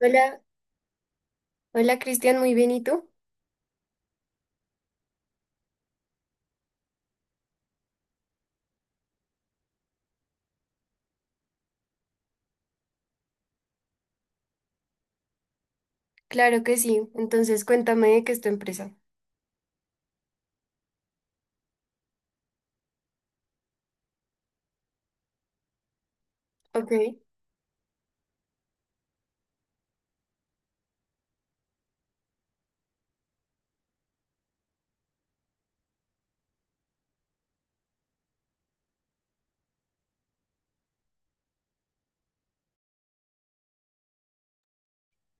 Hola, hola Cristian, muy bien, ¿y tú? Claro que sí, entonces cuéntame de qué es tu empresa. Ok.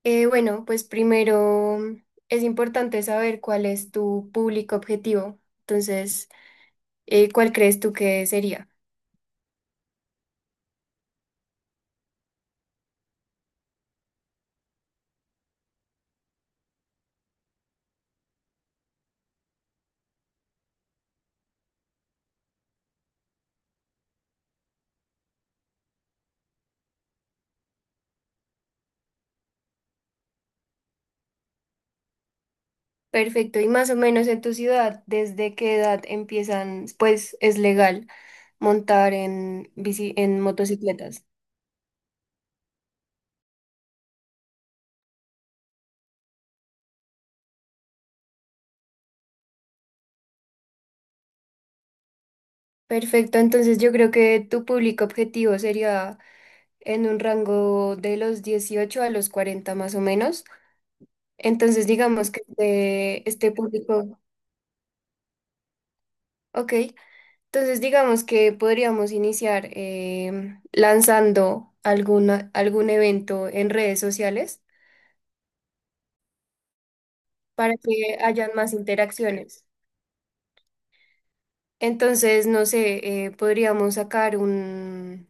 Bueno, pues primero es importante saber cuál es tu público objetivo. Entonces, ¿cuál crees tú que sería? Perfecto, y más o menos en tu ciudad, ¿desde qué edad empiezan, pues es legal montar en bici, en motocicletas? Perfecto, entonces yo creo que tu público objetivo sería en un rango de los 18 a los 40 más o menos. Entonces, digamos que este público. Ok, entonces digamos que podríamos iniciar lanzando algún evento en redes sociales para que hayan más interacciones. Entonces, no sé, podríamos sacar un,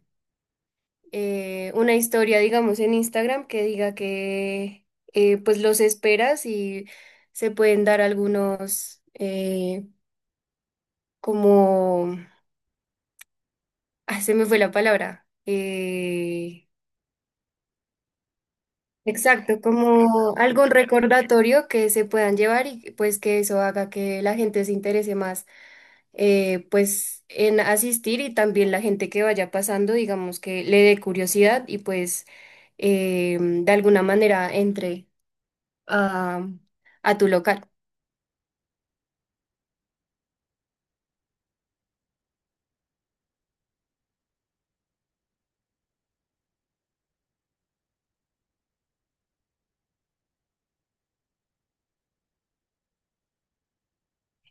eh, una historia, digamos, en Instagram que diga que pues los esperas y se pueden dar algunos como... Ah, se me fue la palabra. Exacto, como algún recordatorio que se puedan llevar, y pues que eso haga que la gente se interese más, pues en asistir. Y también la gente que vaya pasando, digamos que le dé curiosidad y pues de alguna manera entre a, a tu local.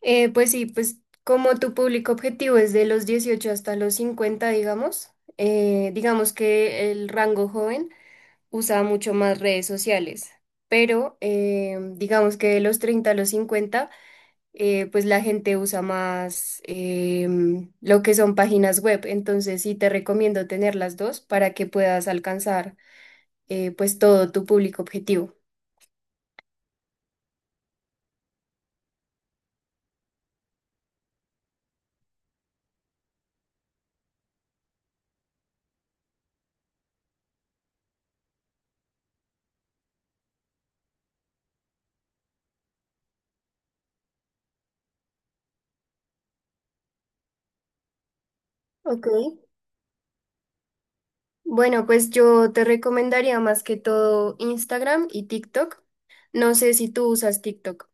Pues sí, pues como tu público objetivo es de los 18 hasta los 50, digamos. Digamos que el rango joven usaba mucho más redes sociales, pero digamos que de los 30 a los 50, pues la gente usa más lo que son páginas web. Entonces sí te recomiendo tener las dos para que puedas alcanzar pues todo tu público objetivo. Ok. Bueno, pues yo te recomendaría más que todo Instagram y TikTok. No sé si tú usas TikTok.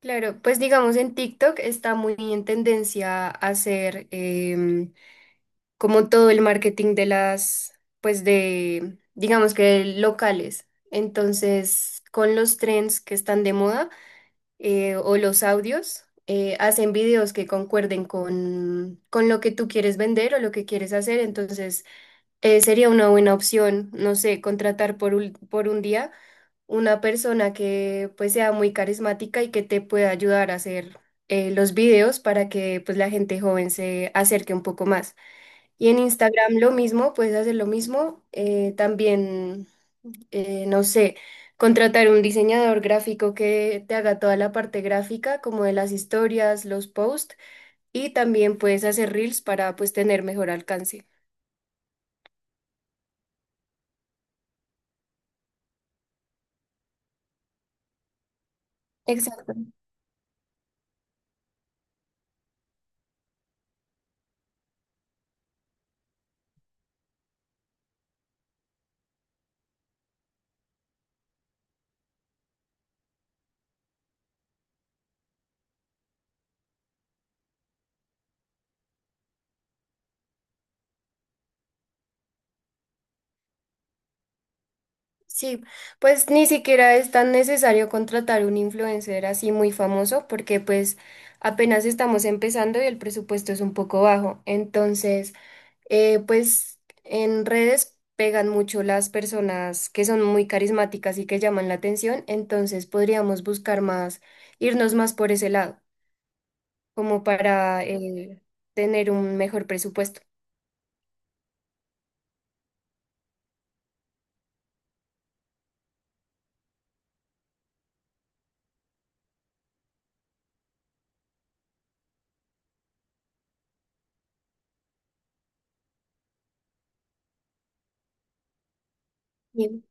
Claro, pues digamos en TikTok está muy en tendencia a hacer como todo el marketing de las, pues de, digamos que locales. Entonces, con los trends que están de moda, o los audios, hacen videos que concuerden con lo que tú quieres vender o lo que quieres hacer. Entonces, sería una buena opción, no sé, contratar por un día una persona que pues sea muy carismática y que te pueda ayudar a hacer los videos para que pues la gente joven se acerque un poco más. Y en Instagram lo mismo, puedes hacer lo mismo. También, no sé, contratar un diseñador gráfico que te haga toda la parte gráfica, como de las historias, los posts, y también puedes hacer reels para pues tener mejor alcance. Exacto. Sí, pues ni siquiera es tan necesario contratar un influencer así muy famoso porque pues apenas estamos empezando y el presupuesto es un poco bajo. Entonces... Pues en redes pegan mucho las personas que son muy carismáticas y que llaman la atención. Entonces podríamos buscar más, irnos más por ese lado, como para tener un mejor presupuesto. Bien.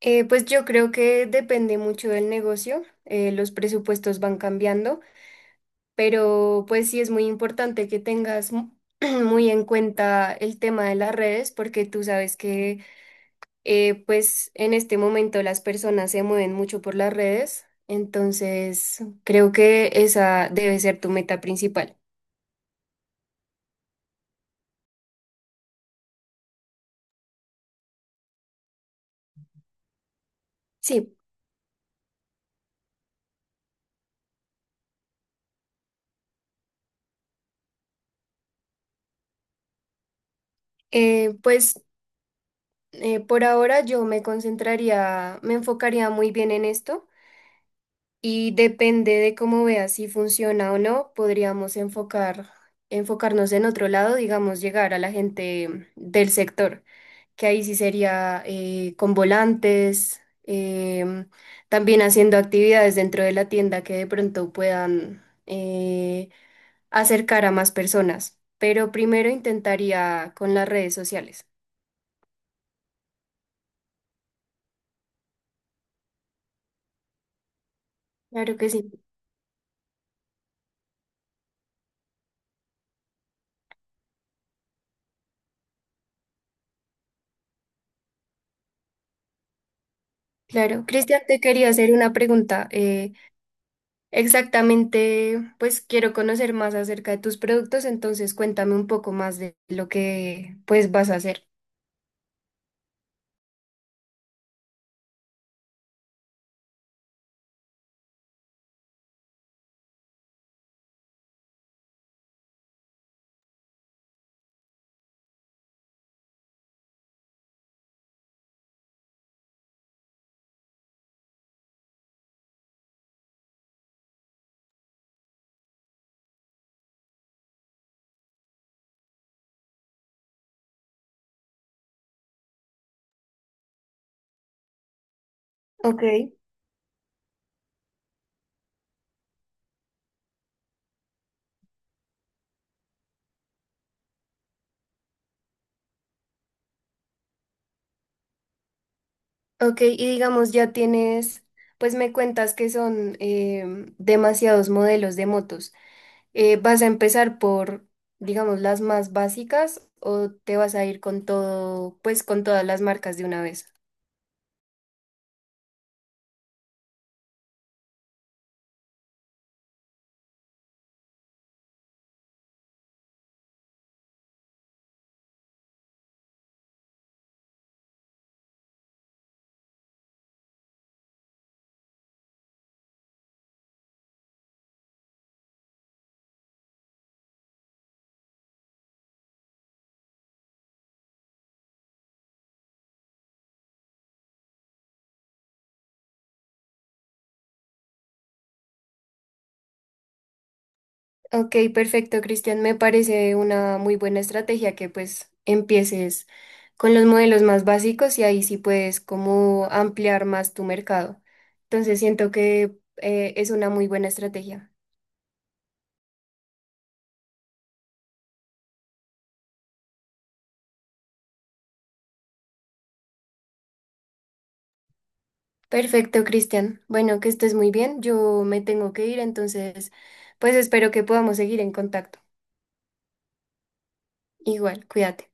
Pues yo creo que depende mucho del negocio. Los presupuestos van cambiando, pero pues sí es muy importante que tengas muy en cuenta el tema de las redes, porque tú sabes que pues en este momento las personas se mueven mucho por las redes. Entonces creo que esa debe ser tu meta principal. Sí, pues por ahora yo me concentraría, me enfocaría muy bien en esto. Y depende de cómo veas si funciona o no, podríamos enfocarnos en otro lado, digamos, llegar a la gente del sector, que ahí sí sería con volantes, también haciendo actividades dentro de la tienda que de pronto puedan acercar a más personas. Pero primero intentaría con las redes sociales. Claro que sí, claro. Cristian, te quería hacer una pregunta. Exactamente, pues quiero conocer más acerca de tus productos. Entonces cuéntame un poco más de lo que pues vas a hacer. Ok. Ok, y digamos ya tienes, pues me cuentas que son demasiados modelos de motos. ¿Vas a empezar por, digamos, las más básicas o te vas a ir con todo, pues con todas las marcas de una vez? Ok, perfecto, Cristian. Me parece una muy buena estrategia que pues empieces con los modelos más básicos y ahí sí puedes como ampliar más tu mercado. Entonces siento que es una muy buena estrategia. Perfecto, Cristian. Bueno, que estés muy bien. Yo me tengo que ir, entonces pues espero que podamos seguir en contacto. Igual, cuídate.